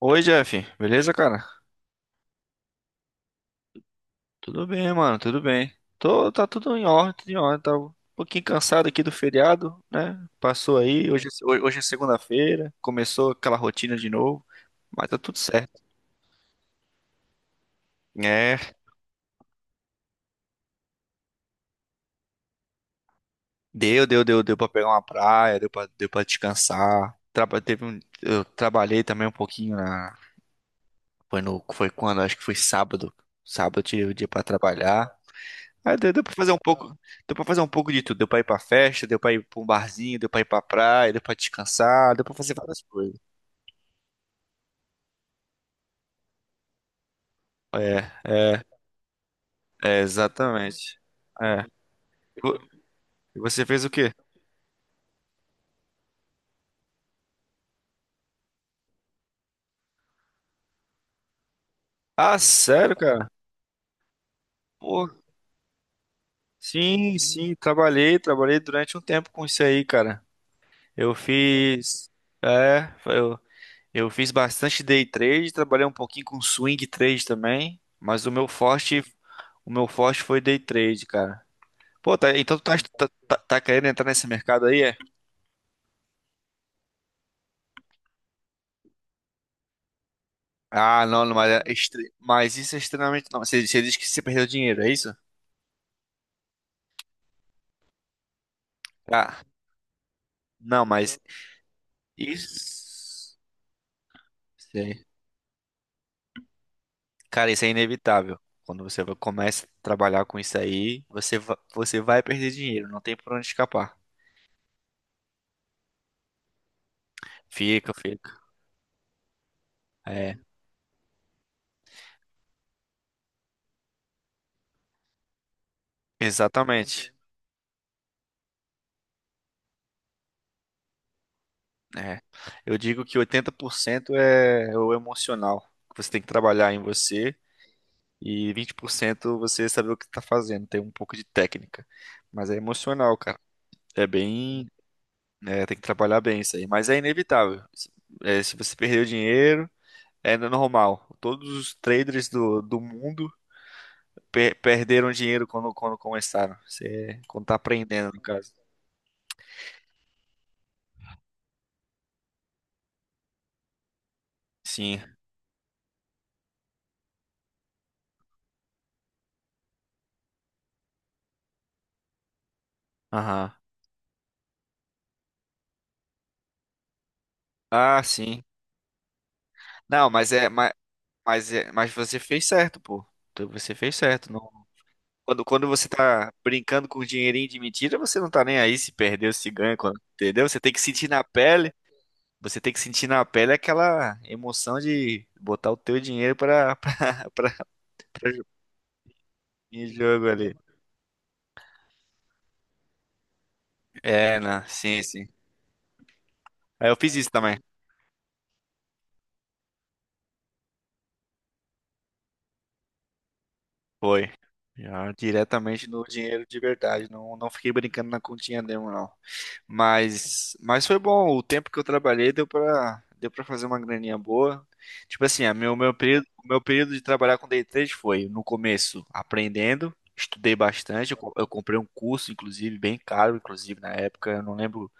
Oi, Jeff. Beleza, cara? Tudo bem, mano, tudo bem. Tá tudo em ordem, tudo em ordem. Tá um pouquinho cansado aqui do feriado, né? Passou aí, hoje, hoje é segunda-feira, começou aquela rotina de novo, mas tá tudo certo. É, deu pra pegar uma praia, deu pra descansar. Eu trabalhei também um pouquinho na, foi no, foi quando, acho que foi sábado. Sábado eu tirei o dia pra trabalhar. Ah, deu pra fazer um pouco de tudo. Deu pra ir pra festa, deu pra ir pra um barzinho, deu pra ir pra praia, deu pra descansar, deu pra fazer várias coisas. É, é, é, exatamente. É. Vo- E você fez o quê? Ah, sério, cara? Pô, sim, sim, trabalhei durante um tempo com isso aí, cara. Eu fiz, é, eu, eu fiz bastante day trade, trabalhei um pouquinho com swing trade também, mas o meu forte foi day trade, cara. Pô, então tu tá querendo entrar nesse mercado aí, é? Ah, não, não, mas isso é extremamente... Não, você diz que você perdeu dinheiro, é isso? Ah, não, mas isso... Sim. Cara, isso é inevitável. Quando começa a trabalhar com isso aí, você vai perder dinheiro, não tem por onde escapar. Fica, fica. É, exatamente. É. Eu digo que 80% é o emocional. Você tem que trabalhar em você. E 20% você saber o que tá fazendo, ter um pouco de técnica. Mas é emocional, cara. É bem. É, tem que trabalhar bem isso aí. Mas é inevitável. Se você perder o dinheiro, é normal. Todos os traders do mundo perderam dinheiro quando começaram. Você, quando tá aprendendo, no caso. Sim. Aham. Ah, sim. Não, mas é. Mas você fez certo, pô. Então, você fez certo. Quando você tá brincando com dinheirinho de mentira, você não tá nem aí se perdeu, se ganha, entendeu? Você tem que sentir na pele aquela emoção de botar o teu dinheiro pra, pra, pra jo- em jogo ali. É, não, sim, sim. Aí eu fiz isso também. Foi. Já diretamente no dinheiro de verdade. Não, não fiquei brincando na continha demo, não. Mas foi bom. O tempo que eu trabalhei deu pra fazer uma graninha boa. Tipo assim, a meu, meu período, o meu período de trabalhar com day trade foi, no começo, aprendendo, estudei bastante. Eu comprei um curso, inclusive, bem caro, inclusive, na época. Eu não lembro,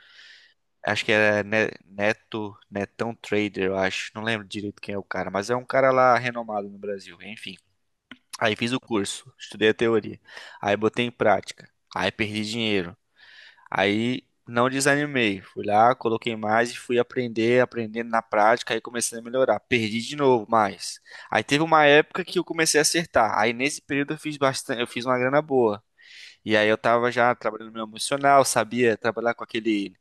acho que era Netão Trader, eu acho. Não lembro direito quem é o cara, mas é um cara lá renomado no Brasil, enfim. Aí fiz o curso, estudei a teoria. Aí botei em prática. Aí perdi dinheiro. Aí não desanimei. Fui lá, coloquei mais e fui aprendendo na prática, aí comecei a melhorar. Perdi de novo, mas. Aí teve uma época que eu comecei a acertar. Aí nesse período eu fiz uma grana boa. E aí eu tava já trabalhando no meu emocional, sabia trabalhar com aquele.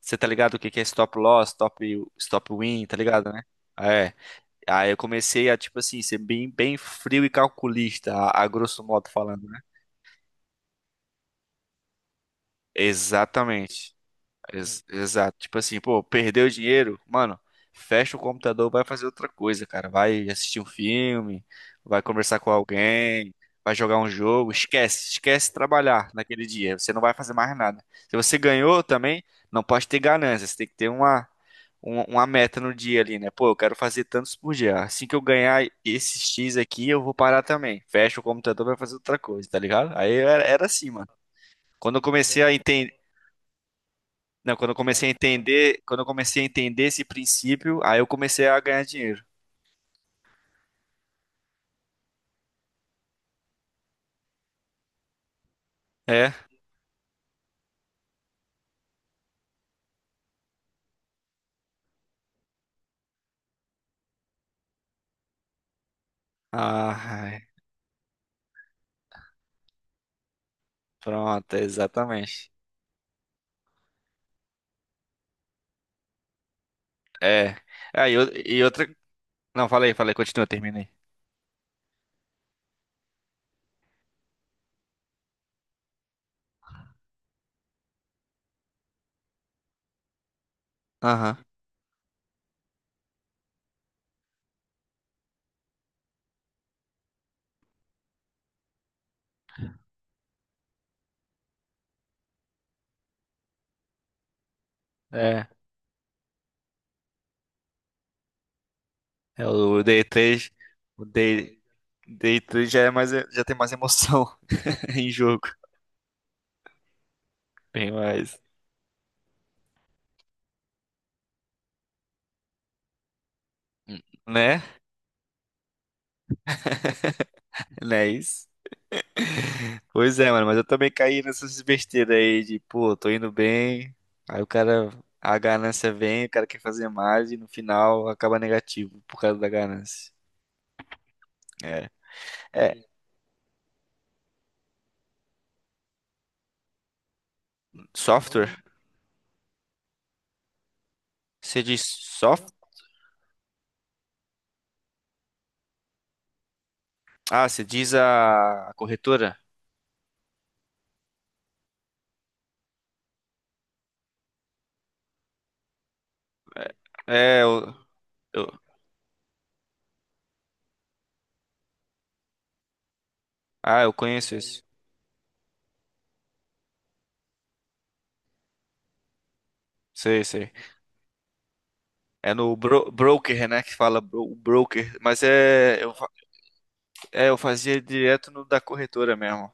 Você tá ligado o que que é stop loss, stop win, tá ligado, né? É. Aí eu comecei a, tipo assim, ser bem, bem frio e calculista, a grosso modo falando, né? Exatamente. Exato. Tipo assim, pô, perdeu o dinheiro, mano, fecha o computador, vai fazer outra coisa, cara. Vai assistir um filme, vai conversar com alguém, vai jogar um jogo. Esquece, esquece trabalhar naquele dia. Você não vai fazer mais nada. Se você ganhou também, não pode ter ganância. Você tem que ter uma meta no dia ali, né? Pô, eu quero fazer tantos por dia. Assim que eu ganhar esses X aqui, eu vou parar também. Fecha o computador, vai fazer outra coisa, tá ligado? Aí era assim, mano. Quando eu comecei a não, quando eu comecei a entender esse princípio, aí eu comecei a ganhar dinheiro. É? Ah, ai, pronto, exatamente. É. Aí eu, e outra. Não, falei, continua, terminei. Aham. É. É o Day 3, O Day, Day 3 já é mais, já tem mais emoção em jogo. Tem mais. Né? Não é isso? Pois é, mano, mas eu também caí nessas besteiras aí de, pô, tô indo bem, aí o cara, a ganância vem, o cara quer fazer mais e no final acaba negativo por causa da ganância. É. É, software? Você diz soft? Ah, você diz a corretora? É, eu- eu conheço isso. Sei, sei. É no broker, né, que fala o broker, mas eu fazia direto no da corretora mesmo.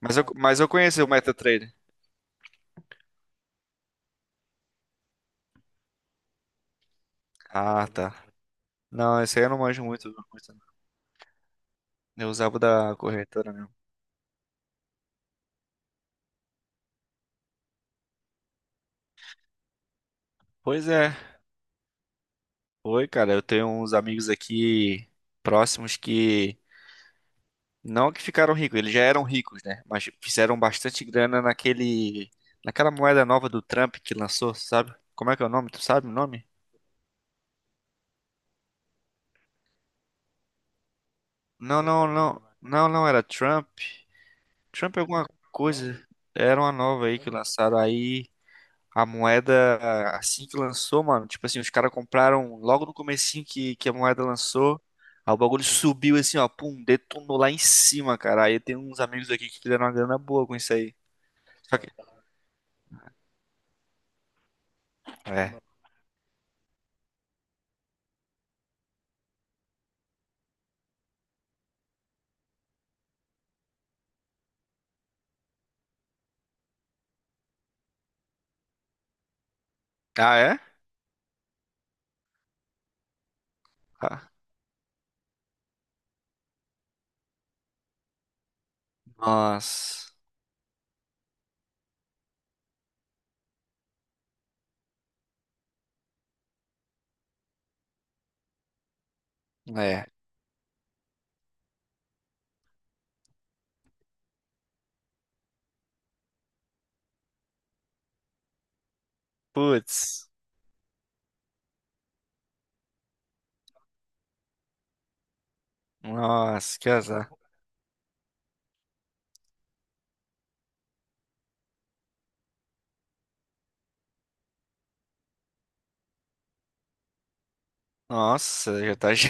Mas eu conheço o MetaTrader. Ah, tá. Não, esse aí eu não manjo muito, muito não. Eu usava o da corretora mesmo. Pois é, foi, cara. Eu tenho uns amigos aqui próximos que não que ficaram ricos, eles já eram ricos, né? Mas fizeram bastante grana naquela moeda nova do Trump que lançou, sabe? Como é que é o nome? Tu sabe o nome? Não, não, não. Não, não, era Trump. Trump é alguma coisa. Era uma nova aí que lançaram aí. A moeda, assim que lançou, mano, tipo assim, os caras compraram logo no comecinho que a moeda lançou, aí o bagulho subiu assim, ó, pum, detonou lá em cima, cara. Aí tem uns amigos aqui que fizeram uma grana boa com isso aí. Só que... É. Ah, é? Ah, nossa. É. Putz. Nossa, que azar. Nossa, já tá,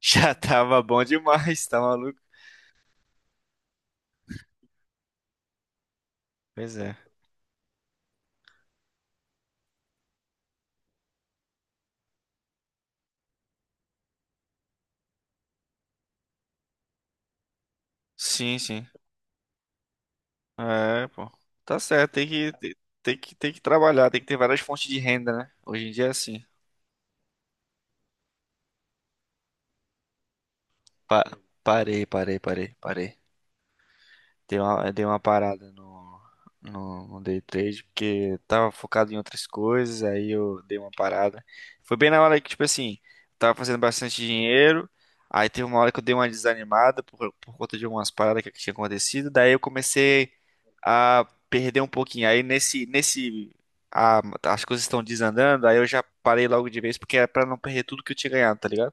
já tava bom demais, tá maluco? Pois é. Sim, sim. É, pô. Tá certo, tem que trabalhar, tem que ter várias fontes de renda, né? Hoje em dia é assim. Pa- parei. Dei uma parada no day trade, porque tava focado em outras coisas, aí eu dei uma parada. Foi bem na hora que, tipo assim, tava fazendo bastante dinheiro, aí teve uma hora que eu dei uma desanimada por conta de algumas paradas que tinha acontecido, daí eu comecei a perder um pouquinho. Aí nesse, nesse, a- as coisas estão desandando, aí eu já parei logo de vez, porque era pra não perder tudo que eu tinha ganhado, tá ligado?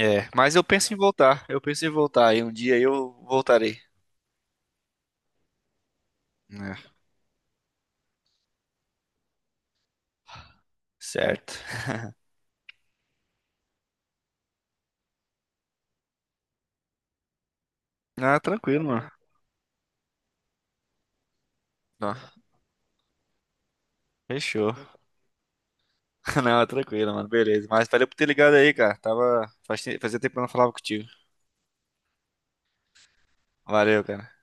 É, mas eu penso em voltar, eu penso em voltar, e um dia eu voltarei. É, certo. Ah, tranquilo, mano. Não, fechou. Não, tranquilo, mano. Beleza. Mas valeu por ter ligado aí, cara. Fazia tempo que eu não falava contigo. Valeu, cara.